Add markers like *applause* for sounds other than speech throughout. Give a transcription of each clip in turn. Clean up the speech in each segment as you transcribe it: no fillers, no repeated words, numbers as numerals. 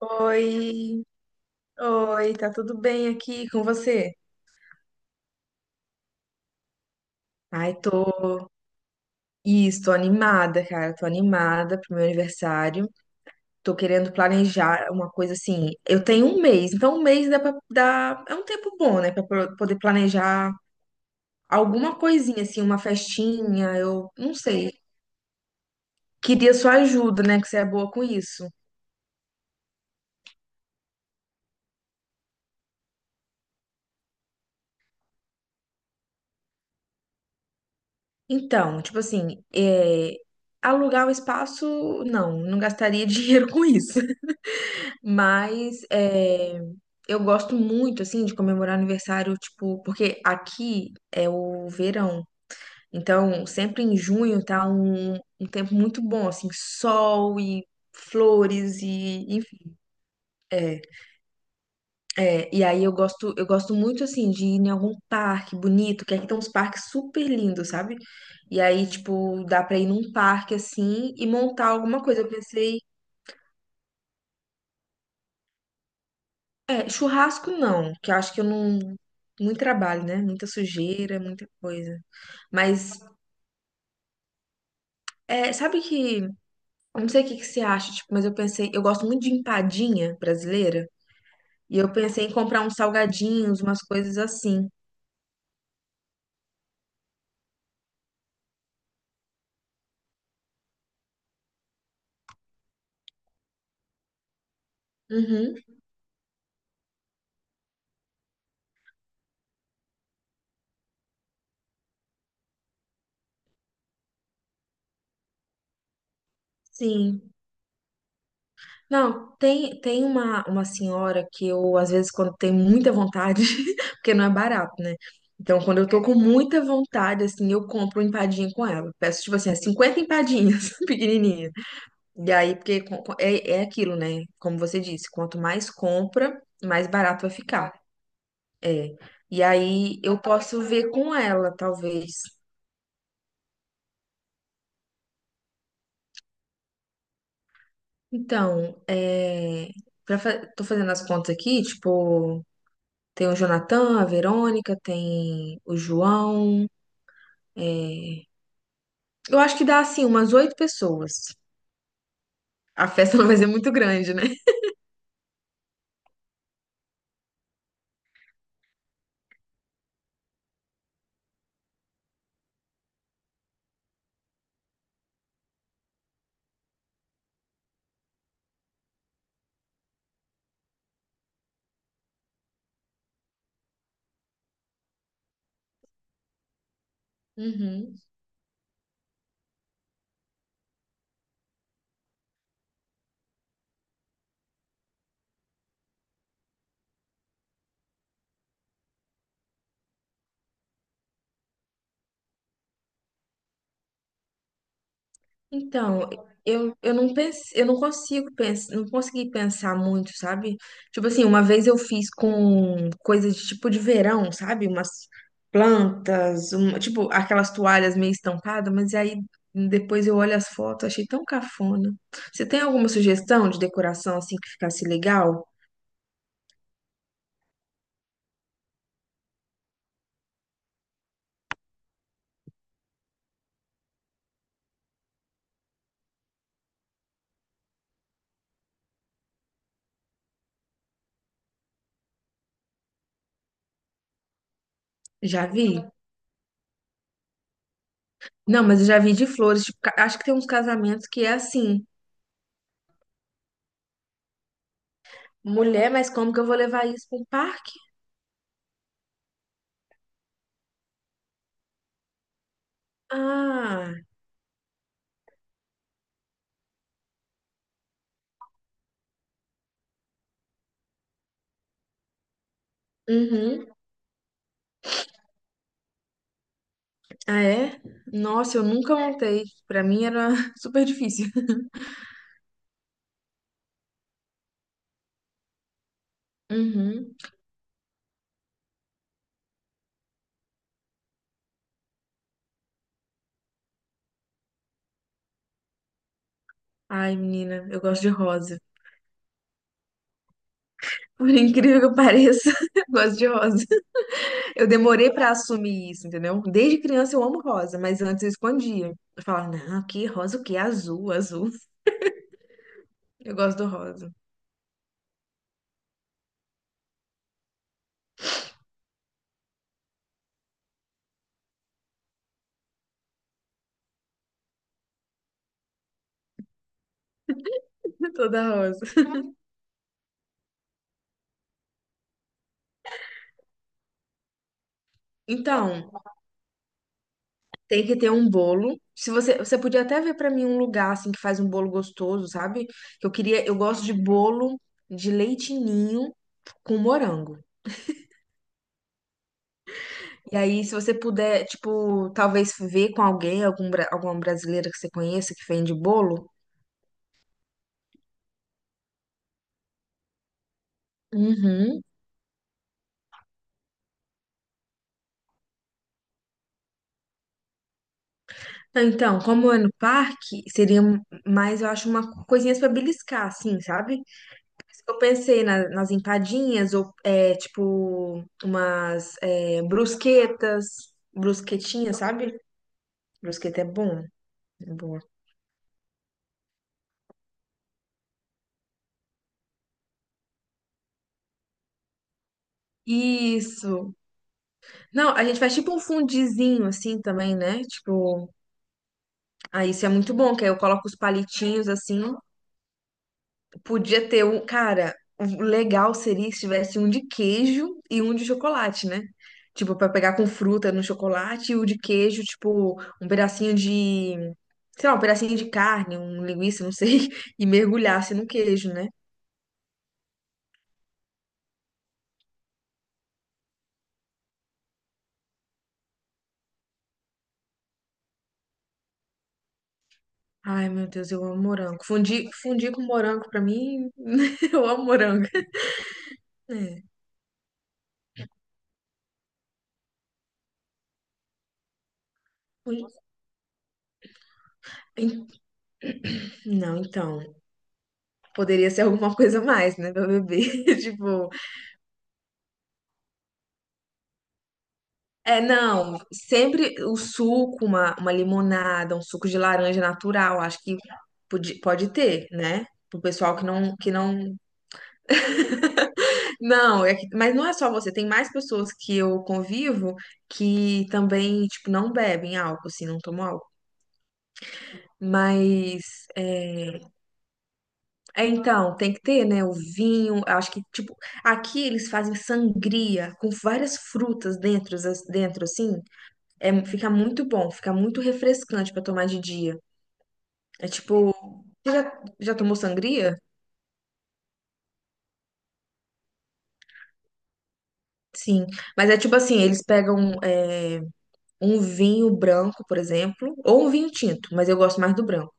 Oi, oi, tá tudo bem aqui com você? Ai, tô. Isso, tô animada, cara. Tô animada pro meu aniversário. Tô querendo planejar uma coisa assim. Eu tenho um mês, então um mês dá. É um tempo bom, né? Pra poder planejar alguma coisinha, assim, uma festinha. Eu não sei. Queria sua ajuda, né? Que você é boa com isso. Então, tipo assim, alugar o espaço, não gastaria *laughs* dinheiro com isso. Mas eu gosto muito, assim, de comemorar aniversário, tipo, porque aqui é o verão. Então, sempre em junho tá um tempo muito bom, assim, sol e flores e, enfim. É, é, e aí eu gosto muito, assim, de ir em algum parque bonito, que aqui tem uns parques super lindos, sabe? E aí, tipo, dá pra ir num parque, assim, e montar alguma coisa. Eu pensei. É, churrasco não, que eu acho que eu não. Muito trabalho, né? Muita sujeira, muita coisa. Mas, sabe que. Eu não sei o que que você acha, tipo, mas eu pensei. Eu gosto muito de empadinha brasileira. E eu pensei em comprar uns salgadinhos, umas coisas assim. Uhum, sim. Não, tem uma senhora que eu, às vezes, quando tem muita vontade, *laughs* porque não é barato, né? Então, quando eu tô com muita vontade, assim, eu compro empadinha com ela. Peço, tipo assim, 50 empadinhas *laughs* pequenininhas. E aí, porque é aquilo, né? Como você disse, quanto mais compra, mais barato vai ficar. É. E aí eu posso ver com ela, talvez. Então, tô fazendo as contas aqui, tipo, tem o Jonathan, a Verônica, tem o João. É. Eu acho que dá, assim, umas oito pessoas. A festa *laughs* não vai ser muito grande, né? Uhum. Então, eu não pensei, eu não consigo pensar, não consegui pensar muito, sabe? Tipo assim, uma vez eu fiz com coisas de tipo de verão, sabe? Umas plantas, tipo aquelas toalhas meio estampadas, mas aí depois eu olho as fotos, achei tão cafona. Você tem alguma sugestão de decoração assim que ficasse legal? Já vi? Não, mas eu já vi de flores, tipo, acho que tem uns casamentos que é assim, mulher, mas como que eu vou levar isso para um parque? Ah, uhum. Ah, é? Nossa, eu nunca montei. Pra mim era *laughs* super difícil. Uhum. Ai, menina, eu gosto de rosa. Por incrível que pareça, *laughs* eu gosto de rosa. Eu demorei pra assumir isso, entendeu? Desde criança eu amo rosa, mas antes eu escondia. Eu falava, não, que rosa o quê? Azul, azul. Eu gosto do rosa. *laughs* Toda rosa. Então, tem que ter um bolo. Se você podia até ver pra mim um lugar assim que faz um bolo gostoso, sabe? Eu gosto de bolo de leite ninho com morango. E aí, se você puder, tipo, talvez ver com alguém, alguma brasileira que você conheça que vende bolo. Uhum. Então, como é no parque, seria mais, eu acho, uma coisinhas pra beliscar, assim, sabe? Por isso que eu pensei nas empadinhas, ou, tipo, umas brusquetas, brusquetinha, sabe? Brusqueta é bom, é boa. Isso. Não, a gente faz tipo um fundizinho assim também, né? Tipo, ah, isso é muito bom, que aí eu coloco os palitinhos assim. Podia ter um. Cara, o legal seria se tivesse um de queijo e um de chocolate, né? Tipo, pra pegar com fruta no chocolate e o de queijo, tipo, um pedacinho de. Sei lá, um pedacinho de carne, um linguiça, não sei, *laughs* e mergulhasse no queijo, né? Ai, meu Deus, eu amo morango. Fundir, fundir com morango, pra mim, *laughs* eu amo morango. É. Fun- en- Não, então, poderia ser alguma coisa a mais, né, pra beber. *laughs* Tipo, é, não, sempre o suco, uma limonada, um suco de laranja natural, acho que pode ter, né? Pro pessoal que não. Não, mas não é só você, tem mais pessoas que eu convivo que também, tipo, não bebem álcool, assim, não tomam álcool. Mas, é, então, tem que ter, né, o vinho, acho que, tipo, aqui eles fazem sangria com várias frutas dentro, dentro assim, fica muito bom, fica muito refrescante pra tomar de dia. É tipo. Você já tomou sangria? Sim. Mas é tipo assim, eles pegam um vinho branco, por exemplo, ou um vinho tinto, mas eu gosto mais do branco.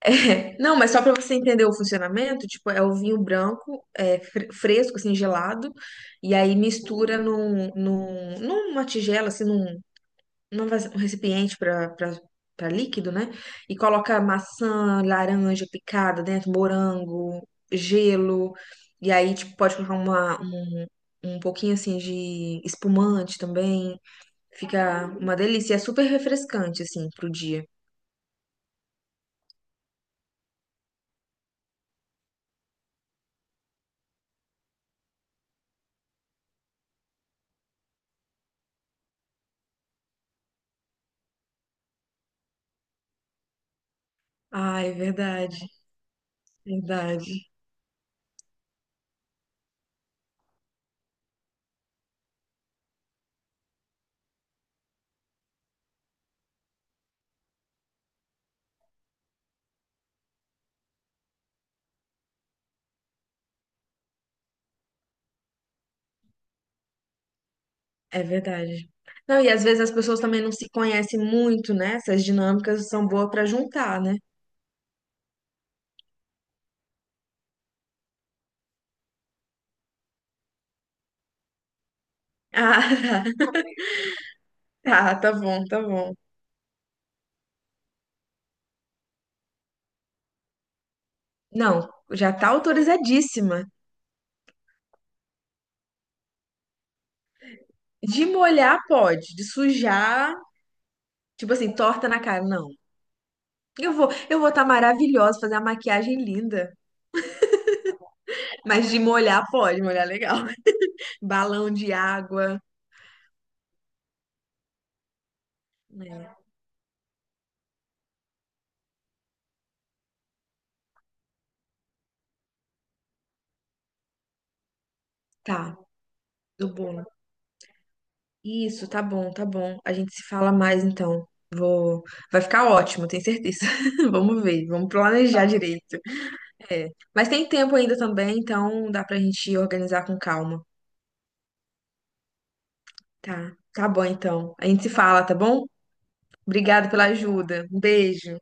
*laughs* Não, mas só pra você entender o funcionamento, tipo, é o vinho branco, fresco, assim, gelado, e aí mistura numa tigela, assim, num não vai, um recipiente para líquido, né? E coloca maçã, laranja picada dentro, morango, gelo. E aí, tipo, pode colocar um pouquinho assim de espumante também. Fica uma delícia. E é super refrescante, assim, pro dia. Ah, é verdade, verdade, é verdade. Não, e às vezes as pessoas também não se conhecem muito, né? Essas dinâmicas são boas para juntar, né? *laughs* Ah, tá, tá, tá bom, tá bom. Não, já tá autorizadíssima. De molhar pode, de sujar, tipo assim, torta na cara, não. Eu vou estar maravilhosa, fazer a maquiagem linda, mas de molhar pode, molhar legal. *laughs* Balão de água, né? Tá, do bolo. Isso, tá bom, tá bom. A gente se fala mais então. Vou, vai ficar ótimo, tenho certeza. *laughs* Vamos ver, vamos planejar direito. É. Mas tem tempo ainda também, então dá pra gente organizar com calma. Tá, tá bom então. A gente se fala, tá bom? Obrigada pela ajuda. Um beijo.